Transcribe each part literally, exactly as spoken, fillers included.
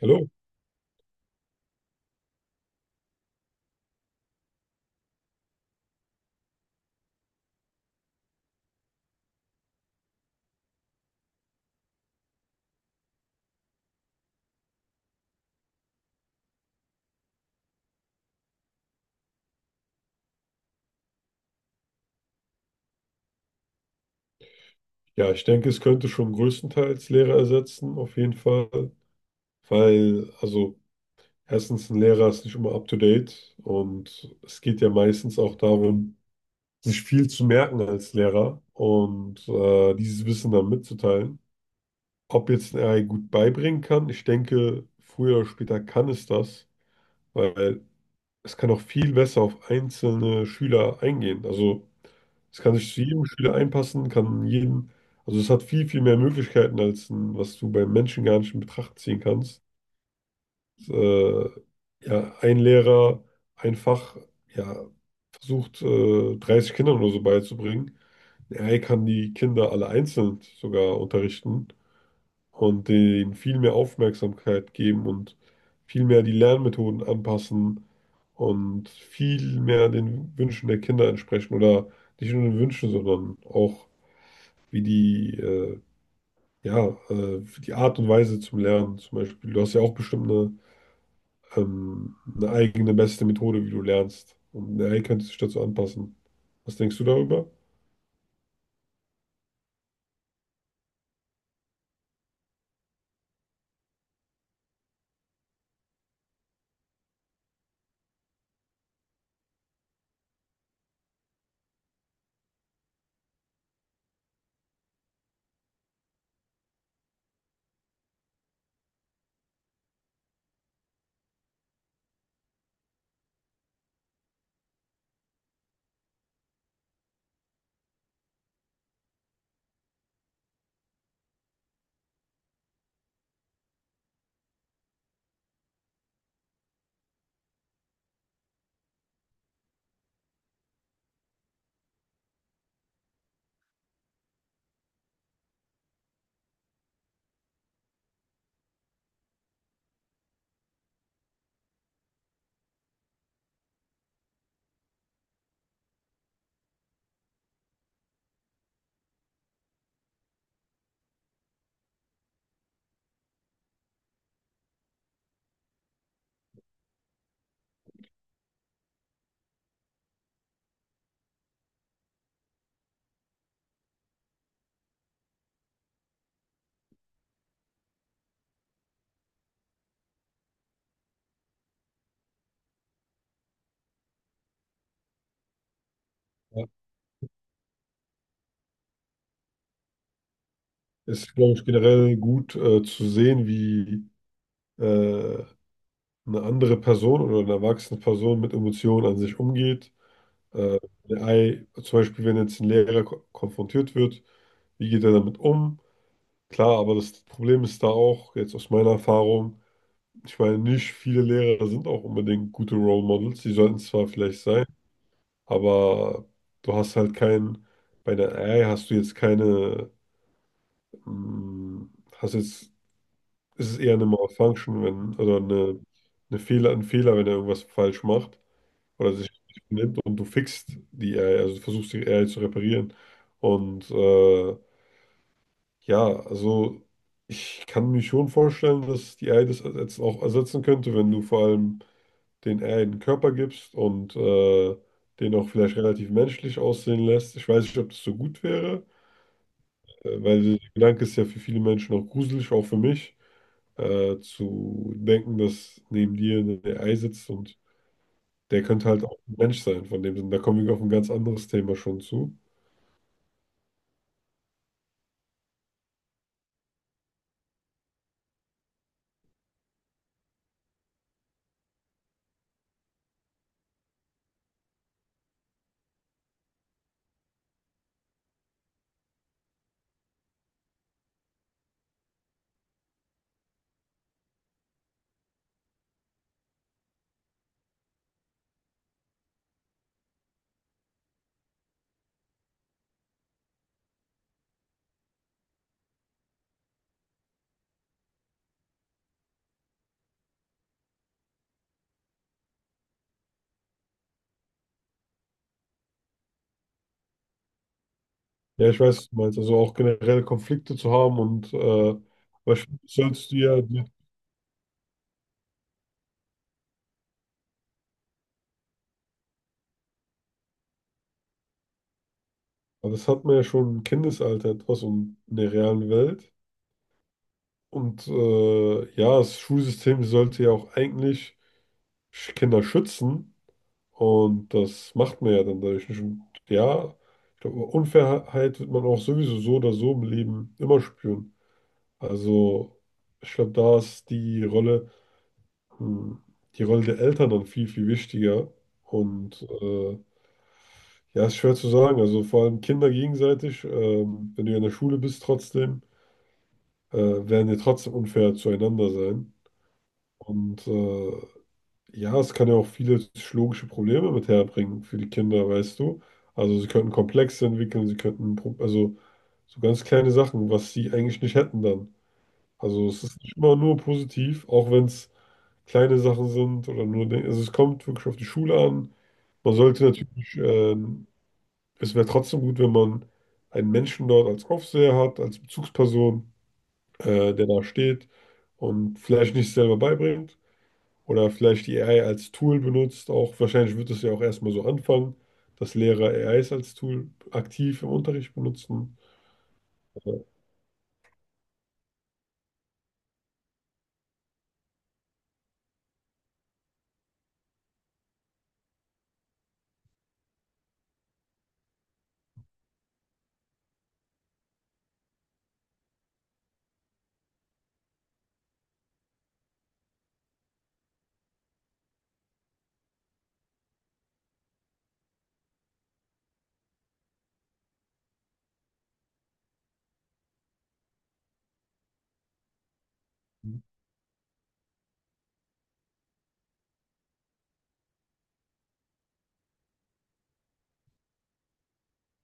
Hallo. Ja, ich denke, es könnte schon größtenteils Lehrer ersetzen, auf jeden Fall. Weil, also, erstens, ein Lehrer ist nicht immer up to date und es geht ja meistens auch darum, sich viel zu merken als Lehrer und äh, dieses Wissen dann mitzuteilen. Ob jetzt ein A I gut beibringen kann, ich denke, früher oder später kann es das, weil es kann auch viel besser auf einzelne Schüler eingehen. Also es kann sich zu jedem Schüler einpassen, kann jeden, also es hat viel, viel mehr Möglichkeiten, als ein, was du beim Menschen gar nicht in Betracht ziehen kannst. Äh, ja, ein Lehrer einfach, ja, versucht, äh, dreißig Kindern oder so beizubringen. Ja, Er kann die Kinder alle einzeln sogar unterrichten und denen viel mehr Aufmerksamkeit geben und viel mehr die Lernmethoden anpassen und viel mehr den Wünschen der Kinder entsprechen oder nicht nur den Wünschen, sondern auch wie die, äh, ja, äh, die Art und Weise zum Lernen zum Beispiel. Du hast ja auch bestimmt eine, ähm, eine eigene beste Methode, wie du lernst. Und eine A I könnte sich dazu anpassen. Was denkst du darüber? Ja. Ist, glaube ich, generell gut äh, zu sehen, wie äh, eine andere Person oder eine erwachsene Person mit Emotionen an sich umgeht. Äh, eine A I, zum Beispiel, wenn jetzt ein Lehrer ko konfrontiert wird. Wie geht er damit um? Klar, aber das Problem ist da auch, jetzt aus meiner Erfahrung, ich meine, nicht viele Lehrer sind auch unbedingt gute Role Models. Die sollten zwar vielleicht sein, aber du hast halt keinen, bei einer A I hast du jetzt keine, mm, hast jetzt, ist es eher eine Malfunction, wenn, oder eine, eine Fehler, ein Fehler, wenn er irgendwas falsch macht oder sich nicht benimmt und du fixt die A I, also du versuchst die A I zu reparieren. Und äh, ja, also ich kann mir schon vorstellen, dass die A I das jetzt auch ersetzen könnte, wenn du vor allem den A I einen Körper gibst und äh, den auch vielleicht relativ menschlich aussehen lässt. Ich weiß nicht, ob das so gut wäre, äh, weil der Gedanke ist ja für viele Menschen auch gruselig, auch für mich, äh, zu denken, dass neben dir eine A I sitzt und der könnte halt auch ein Mensch sein, von dem Sinn. Da kommen wir auf ein ganz anderes Thema schon zu. Ja, ich weiß, was du meinst, also auch generell Konflikte zu haben und äh, beispielsweise sollst du ja die. Aber das hat man ja schon im Kindesalter etwas und in der realen Welt. Und äh, ja, das Schulsystem sollte ja auch eigentlich Sch- Kinder schützen. Und das macht man ja dann dadurch nicht. Und ja, ich glaube, Unfairheit wird man auch sowieso so oder so im Leben immer spüren. Also, ich glaube, da ist die Rolle, hm, die Rolle der Eltern dann viel, viel wichtiger. Und äh, ja, ist schwer zu sagen. Also vor allem Kinder gegenseitig, ähm, wenn du ja in der Schule bist trotzdem. äh, werden ja trotzdem unfair zueinander sein. Und äh, ja, es kann ja auch viele psychologische Probleme mit herbringen für die Kinder, weißt du. Also sie könnten Komplexe entwickeln, sie könnten, Pro- also so ganz kleine Sachen, was sie eigentlich nicht hätten dann. Also es ist nicht immer nur positiv, auch wenn es kleine Sachen sind oder nur, Dinge- also es kommt wirklich auf die Schule an. Man sollte natürlich, ähm, es wäre trotzdem gut, wenn man einen Menschen dort als Aufseher hat, als Bezugsperson äh, der da steht und vielleicht nicht selber beibringt oder vielleicht die A I als Tool benutzt. Auch wahrscheinlich wird es ja auch erstmal so anfangen, dass Lehrer A Is als Tool aktiv im Unterricht benutzen. Äh,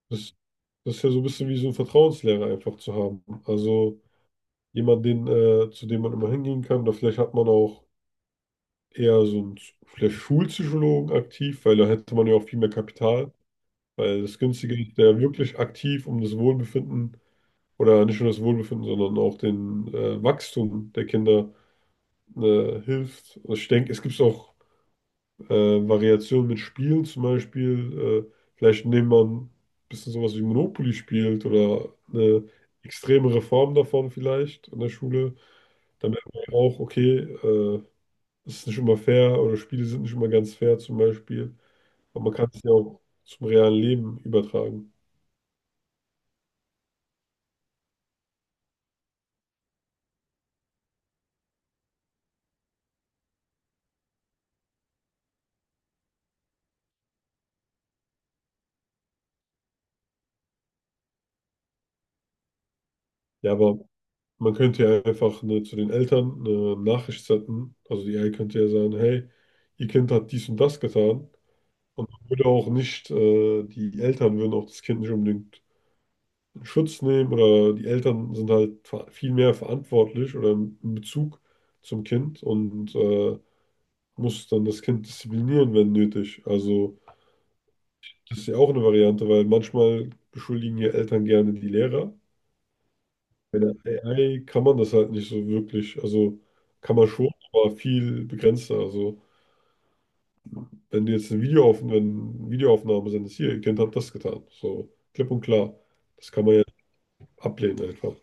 Das, das ist ja so ein bisschen wie so ein Vertrauenslehrer einfach zu haben. Also jemand, den, äh, zu dem man immer hingehen kann. Oder vielleicht hat man auch eher so einen vielleicht Schulpsychologen aktiv, weil da hätte man ja auch viel mehr Kapital. Weil das Günstige ist ja wirklich aktiv um das Wohlbefinden oder nicht nur das Wohlbefinden, sondern auch den äh, Wachstum der Kinder äh, hilft. Also ich denke, es gibt auch äh, Variationen mit Spielen zum Beispiel. Äh, vielleicht indem man ein bisschen sowas wie Monopoly spielt oder eine extremere Form davon vielleicht in der Schule. Dann merkt man ja auch, okay, äh, es ist nicht immer fair oder Spiele sind nicht immer ganz fair zum Beispiel. Aber man kann es ja auch zum realen Leben übertragen. Ja, aber Man könnte ja einfach ne, zu den Eltern eine Nachricht senden. Also die A I könnte ja sagen, hey, ihr Kind hat dies und das getan. Und man würde auch nicht, äh, die Eltern würden auch das Kind nicht unbedingt in Schutz nehmen oder die Eltern sind halt ver- viel mehr verantwortlich oder in Bezug zum Kind und äh, muss dann das Kind disziplinieren, wenn nötig. Also das ist ja auch eine Variante, weil manchmal beschuldigen ja Eltern gerne die Lehrer. Bei der A I kann man das halt nicht so wirklich. Also kann man schon, aber viel begrenzter. Also wenn du jetzt ein Video auf, wenn Videoaufnahmen sind, ist hier, ihr Kind hat das getan. So klipp und klar. Das kann man ja ablehnen einfach.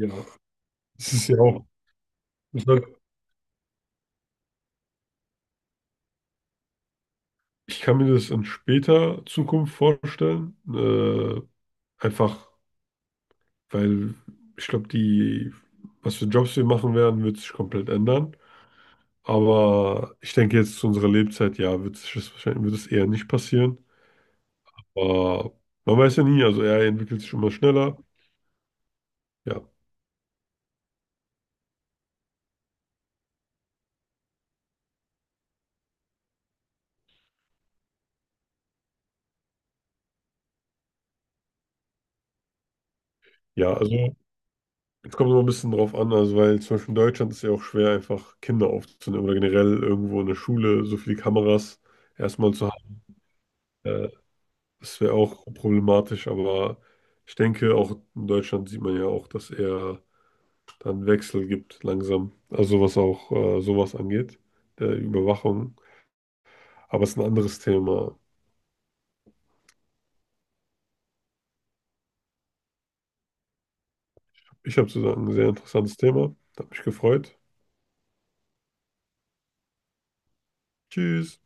Ja, es ist ja auch. Ich sag, ich kann mir das in später Zukunft vorstellen. Äh, einfach, weil ich glaube, die, was für Jobs wir machen werden, wird sich komplett ändern. Aber ich denke jetzt zu unserer Lebzeit, ja, wird sich das wahrscheinlich, wird es eher nicht passieren. Aber man weiß ja nie, also er entwickelt sich immer schneller. Ja, ja, also es kommt immer ein bisschen drauf an, also weil zum Beispiel in Deutschland ist ja auch schwer, einfach Kinder aufzunehmen oder generell irgendwo in der Schule so viele Kameras erstmal zu haben. Äh, das wäre auch problematisch, aber ich denke, auch in Deutschland sieht man ja auch, dass er dann Wechsel gibt langsam. Also was auch äh, sowas angeht, der Überwachung. Aber es ist ein anderes Thema. Ich habe sozusagen ein sehr interessantes Thema. Hat mich gefreut. Tschüss.